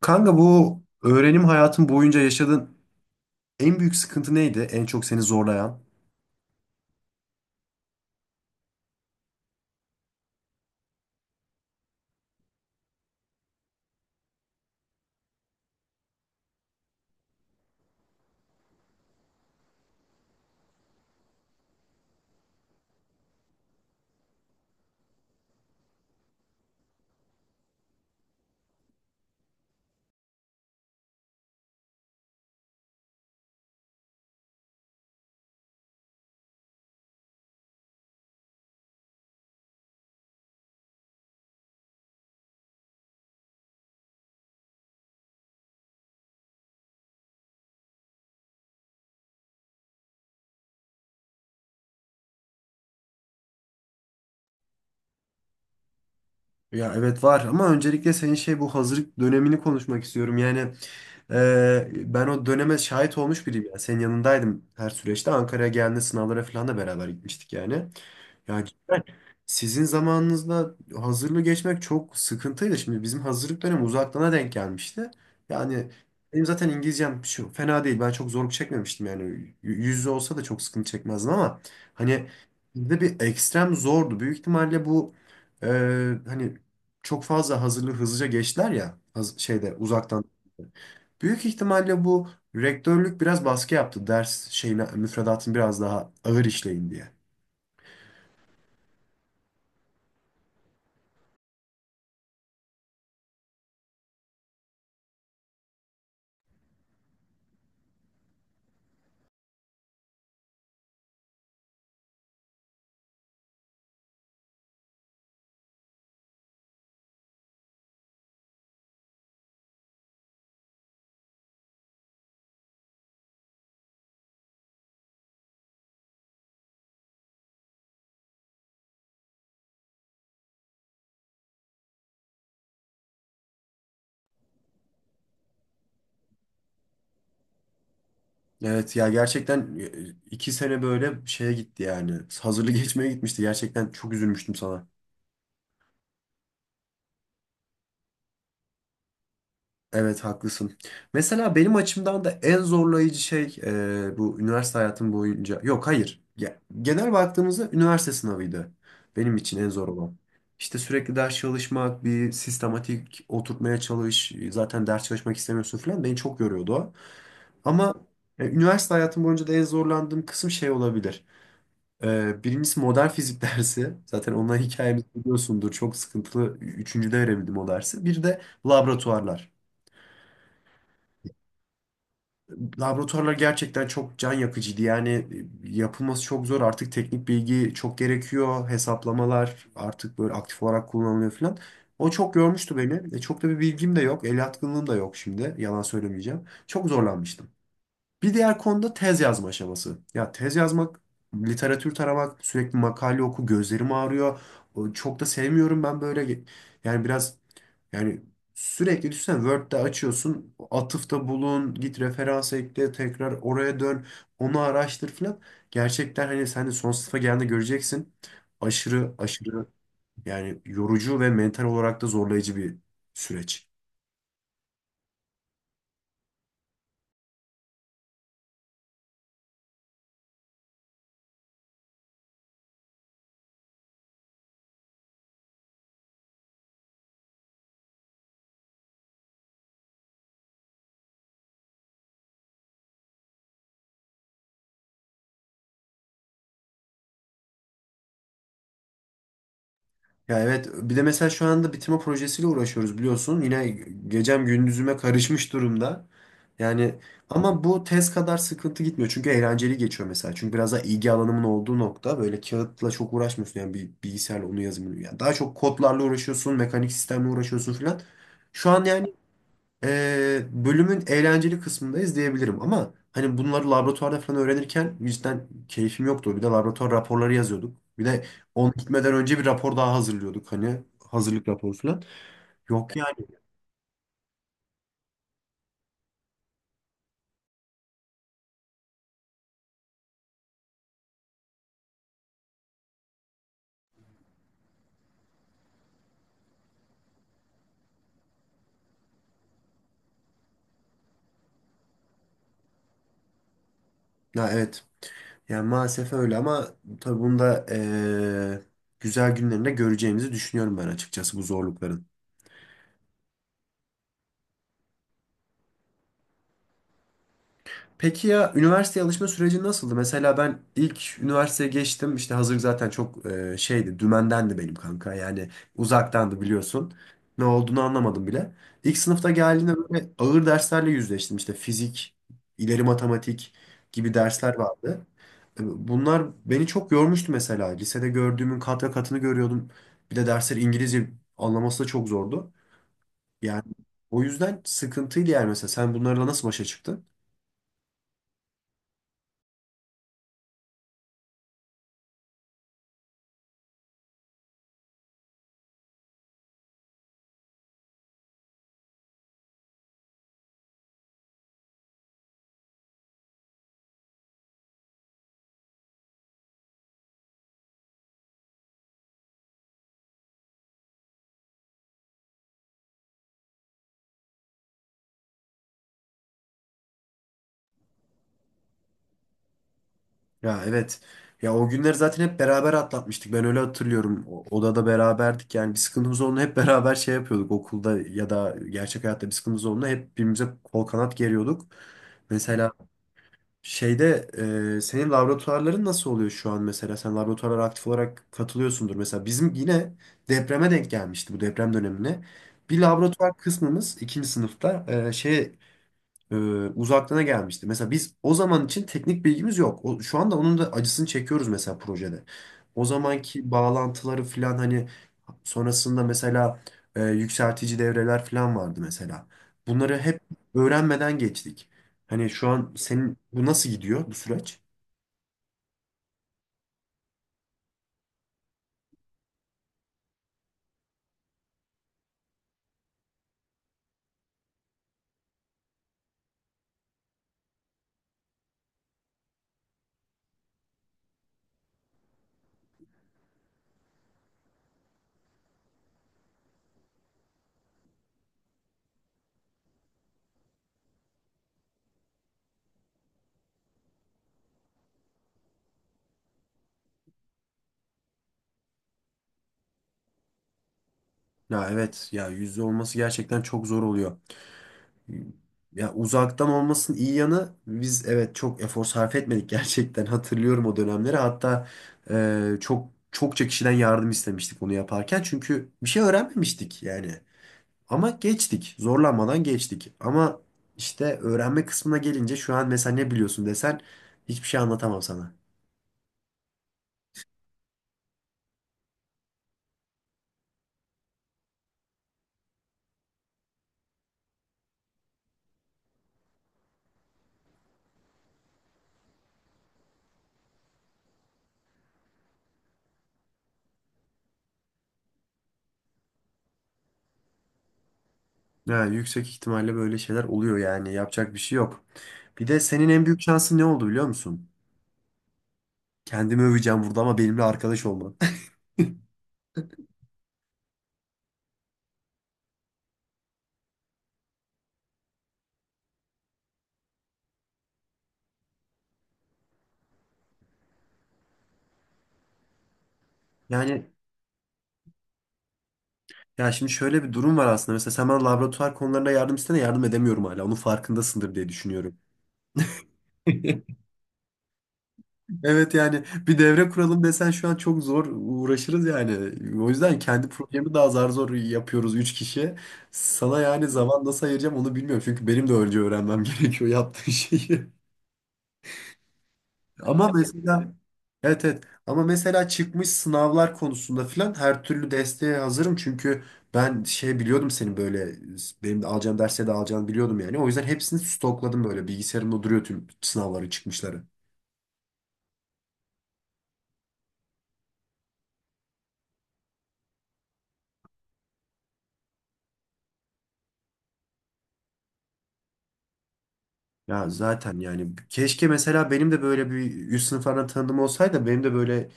Kanka bu öğrenim hayatın boyunca yaşadığın en büyük sıkıntı neydi? En çok seni zorlayan? Ya evet var ama öncelikle senin şey bu hazırlık dönemini konuşmak istiyorum. Yani ben o döneme şahit olmuş biriyim. Yani senin yanındaydım her süreçte. Ankara'ya geldiğinde sınavlara falan da beraber gitmiştik yani. Ya cidden sizin zamanınızda hazırlığı geçmek çok sıkıntıydı. Şimdi bizim hazırlık dönemi uzaklığına denk gelmişti. Yani benim zaten İngilizcem şu, fena değil. Ben çok zorluk çekmemiştim yani. Yüz yüze olsa da çok sıkıntı çekmezdim ama hani bizde bir ekstrem zordu. Büyük ihtimalle bu e, hani çok fazla hazırlığı hızlıca geçtiler ya şeyde uzaktan. Büyük ihtimalle bu rektörlük biraz baskı yaptı ders şeyine müfredatın biraz daha ağır işleyin diye. Evet ya gerçekten iki sene böyle şeye gitti yani. Hazırlık geçmeye gitmişti. Gerçekten çok üzülmüştüm sana. Evet haklısın. Mesela benim açımdan da en zorlayıcı şey bu üniversite hayatım boyunca. Yok hayır. Ya, genel baktığımızda üniversite sınavıydı. Benim için en zor olan. İşte sürekli ders çalışmak, bir sistematik oturtmaya çalış. Zaten ders çalışmak istemiyorsun falan. Beni çok yoruyordu o. Ama üniversite hayatım boyunca da en zorlandığım kısım şey olabilir. Birincisi modern fizik dersi. Zaten onunla hikayemizi biliyorsundur. Çok sıkıntılı. Üçüncüde verebildim o dersi. Bir de laboratuvarlar. Laboratuvarlar gerçekten çok can yakıcıydı. Yani yapılması çok zor. Artık teknik bilgi çok gerekiyor. Hesaplamalar artık böyle aktif olarak kullanılıyor falan. O çok yormuştu beni. Çok da bir bilgim de yok. El yatkınlığım da yok şimdi. Yalan söylemeyeceğim. Çok zorlanmıştım. Bir diğer konuda tez yazma aşaması. Ya tez yazmak, literatür taramak, sürekli makale oku, gözlerim ağrıyor. Çok da sevmiyorum ben böyle. Yani biraz yani sürekli düşünsene Word'de açıyorsun, atıfta bulun, git referans ekle, tekrar oraya dön, onu araştır filan. Gerçekten hani sen de son sınıfa geldiğinde göreceksin. Aşırı aşırı yani yorucu ve mental olarak da zorlayıcı bir süreç. Ya evet bir de mesela şu anda bitirme projesiyle uğraşıyoruz biliyorsun. Yine gecem gündüzüme karışmış durumda. Yani ama bu tez kadar sıkıntı gitmiyor. Çünkü eğlenceli geçiyor mesela. Çünkü biraz daha ilgi alanımın olduğu nokta böyle kağıtla çok uğraşmıyorsun. Yani bir bilgisayarla onu yazımını. Yani daha çok kodlarla uğraşıyorsun, mekanik sistemle uğraşıyorsun filan. Şu an yani bölümün eğlenceli kısmındayız diyebilirim ama hani bunları laboratuvarda falan öğrenirken cidden keyfim yoktu. Bir de laboratuvar raporları yazıyorduk. Bir de on gitmeden önce bir rapor daha hazırlıyorduk hani hazırlık raporu falan. Yok yani. Ya evet. Yani maalesef öyle ama tabii bunu da güzel günlerinde göreceğimizi düşünüyorum ben açıkçası bu zorlukların. Peki ya üniversiteye alışma süreci nasıldı? Mesela ben ilk üniversiteye geçtim. İşte hazırlık zaten çok şeydi, dümendendi benim kanka. Yani uzaktandı biliyorsun. Ne olduğunu anlamadım bile. İlk sınıfta geldiğinde böyle ağır derslerle yüzleştim. İşte fizik, ileri matematik gibi dersler vardı. Bunlar beni çok yormuştu mesela. Lisede gördüğümün kat ve katını görüyordum. Bir de dersleri İngilizce anlaması da çok zordu. Yani o yüzden sıkıntıydı yani mesela. Sen bunlarla nasıl başa çıktın? Ya evet. Ya o günleri zaten hep beraber atlatmıştık. Ben öyle hatırlıyorum. Odada beraberdik. Yani bir sıkıntımız olduğunda hep beraber şey yapıyorduk. Okulda ya da gerçek hayatta bir sıkıntımız olduğunda hep birbirimize kol kanat geriyorduk. Mesela şeyde senin laboratuvarların nasıl oluyor şu an mesela? Sen laboratuvarlara aktif olarak katılıyorsundur. Mesela bizim yine depreme denk gelmişti bu deprem dönemine. Bir laboratuvar kısmımız ikinci sınıfta şey e, uzaklığına gelmişti. Mesela biz o zaman için teknik bilgimiz yok. O, şu anda onun da acısını çekiyoruz mesela projede. O zamanki bağlantıları falan hani sonrasında mesela yükseltici devreler falan vardı mesela. Bunları hep öğrenmeden geçtik. Hani şu an senin bu nasıl gidiyor bu süreç? Ya evet ya yüzde olması gerçekten çok zor oluyor. Ya uzaktan olmasının iyi yanı biz evet çok efor sarf etmedik gerçekten hatırlıyorum o dönemleri. Hatta çok çokça kişiden yardım istemiştik bunu yaparken çünkü bir şey öğrenmemiştik yani. Ama geçtik zorlanmadan geçtik. Ama işte öğrenme kısmına gelince şu an mesela ne biliyorsun desen hiçbir şey anlatamam sana. Yani yüksek ihtimalle böyle şeyler oluyor yani yapacak bir şey yok. Bir de senin en büyük şansın ne oldu biliyor musun? Kendimi öveceğim burada ama benimle arkadaş olman. Yani ya şimdi şöyle bir durum var aslında. Mesela sen bana laboratuvar konularında yardım istene yardım edemiyorum hala. Onun farkındasındır diye düşünüyorum. Evet yani bir devre kuralım desen şu an çok zor uğraşırız yani. O yüzden kendi projemi daha zar zor yapıyoruz 3 kişi. Sana yani zaman nasıl ayıracağım onu bilmiyorum. Çünkü benim de önce öğrenmem gerekiyor yaptığın şeyi. Ama mesela evet evet ama mesela çıkmış sınavlar konusunda filan her türlü desteğe hazırım çünkü ben şey biliyordum senin böyle benim de alacağım derse de alacağını biliyordum yani o yüzden hepsini stokladım böyle bilgisayarımda duruyor tüm sınavları çıkmışları. Ya zaten yani keşke mesela benim de böyle bir üst sınıflardan tanıdığım olsaydı benim de böyle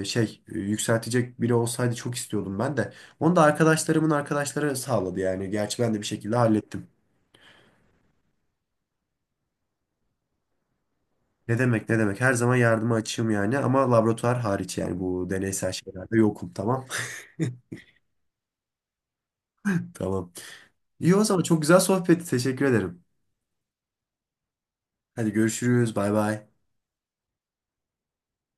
yükseltecek biri olsaydı çok istiyordum ben de. Onu da arkadaşlarımın arkadaşları sağladı yani gerçi ben de bir şekilde hallettim. Ne demek ne demek. Her zaman yardıma açığım yani ama laboratuvar hariç yani bu deneysel şeylerde yokum tamam. Tamam. İyi o zaman çok güzel sohbetti. Teşekkür ederim. Hadi görüşürüz. Bay bay.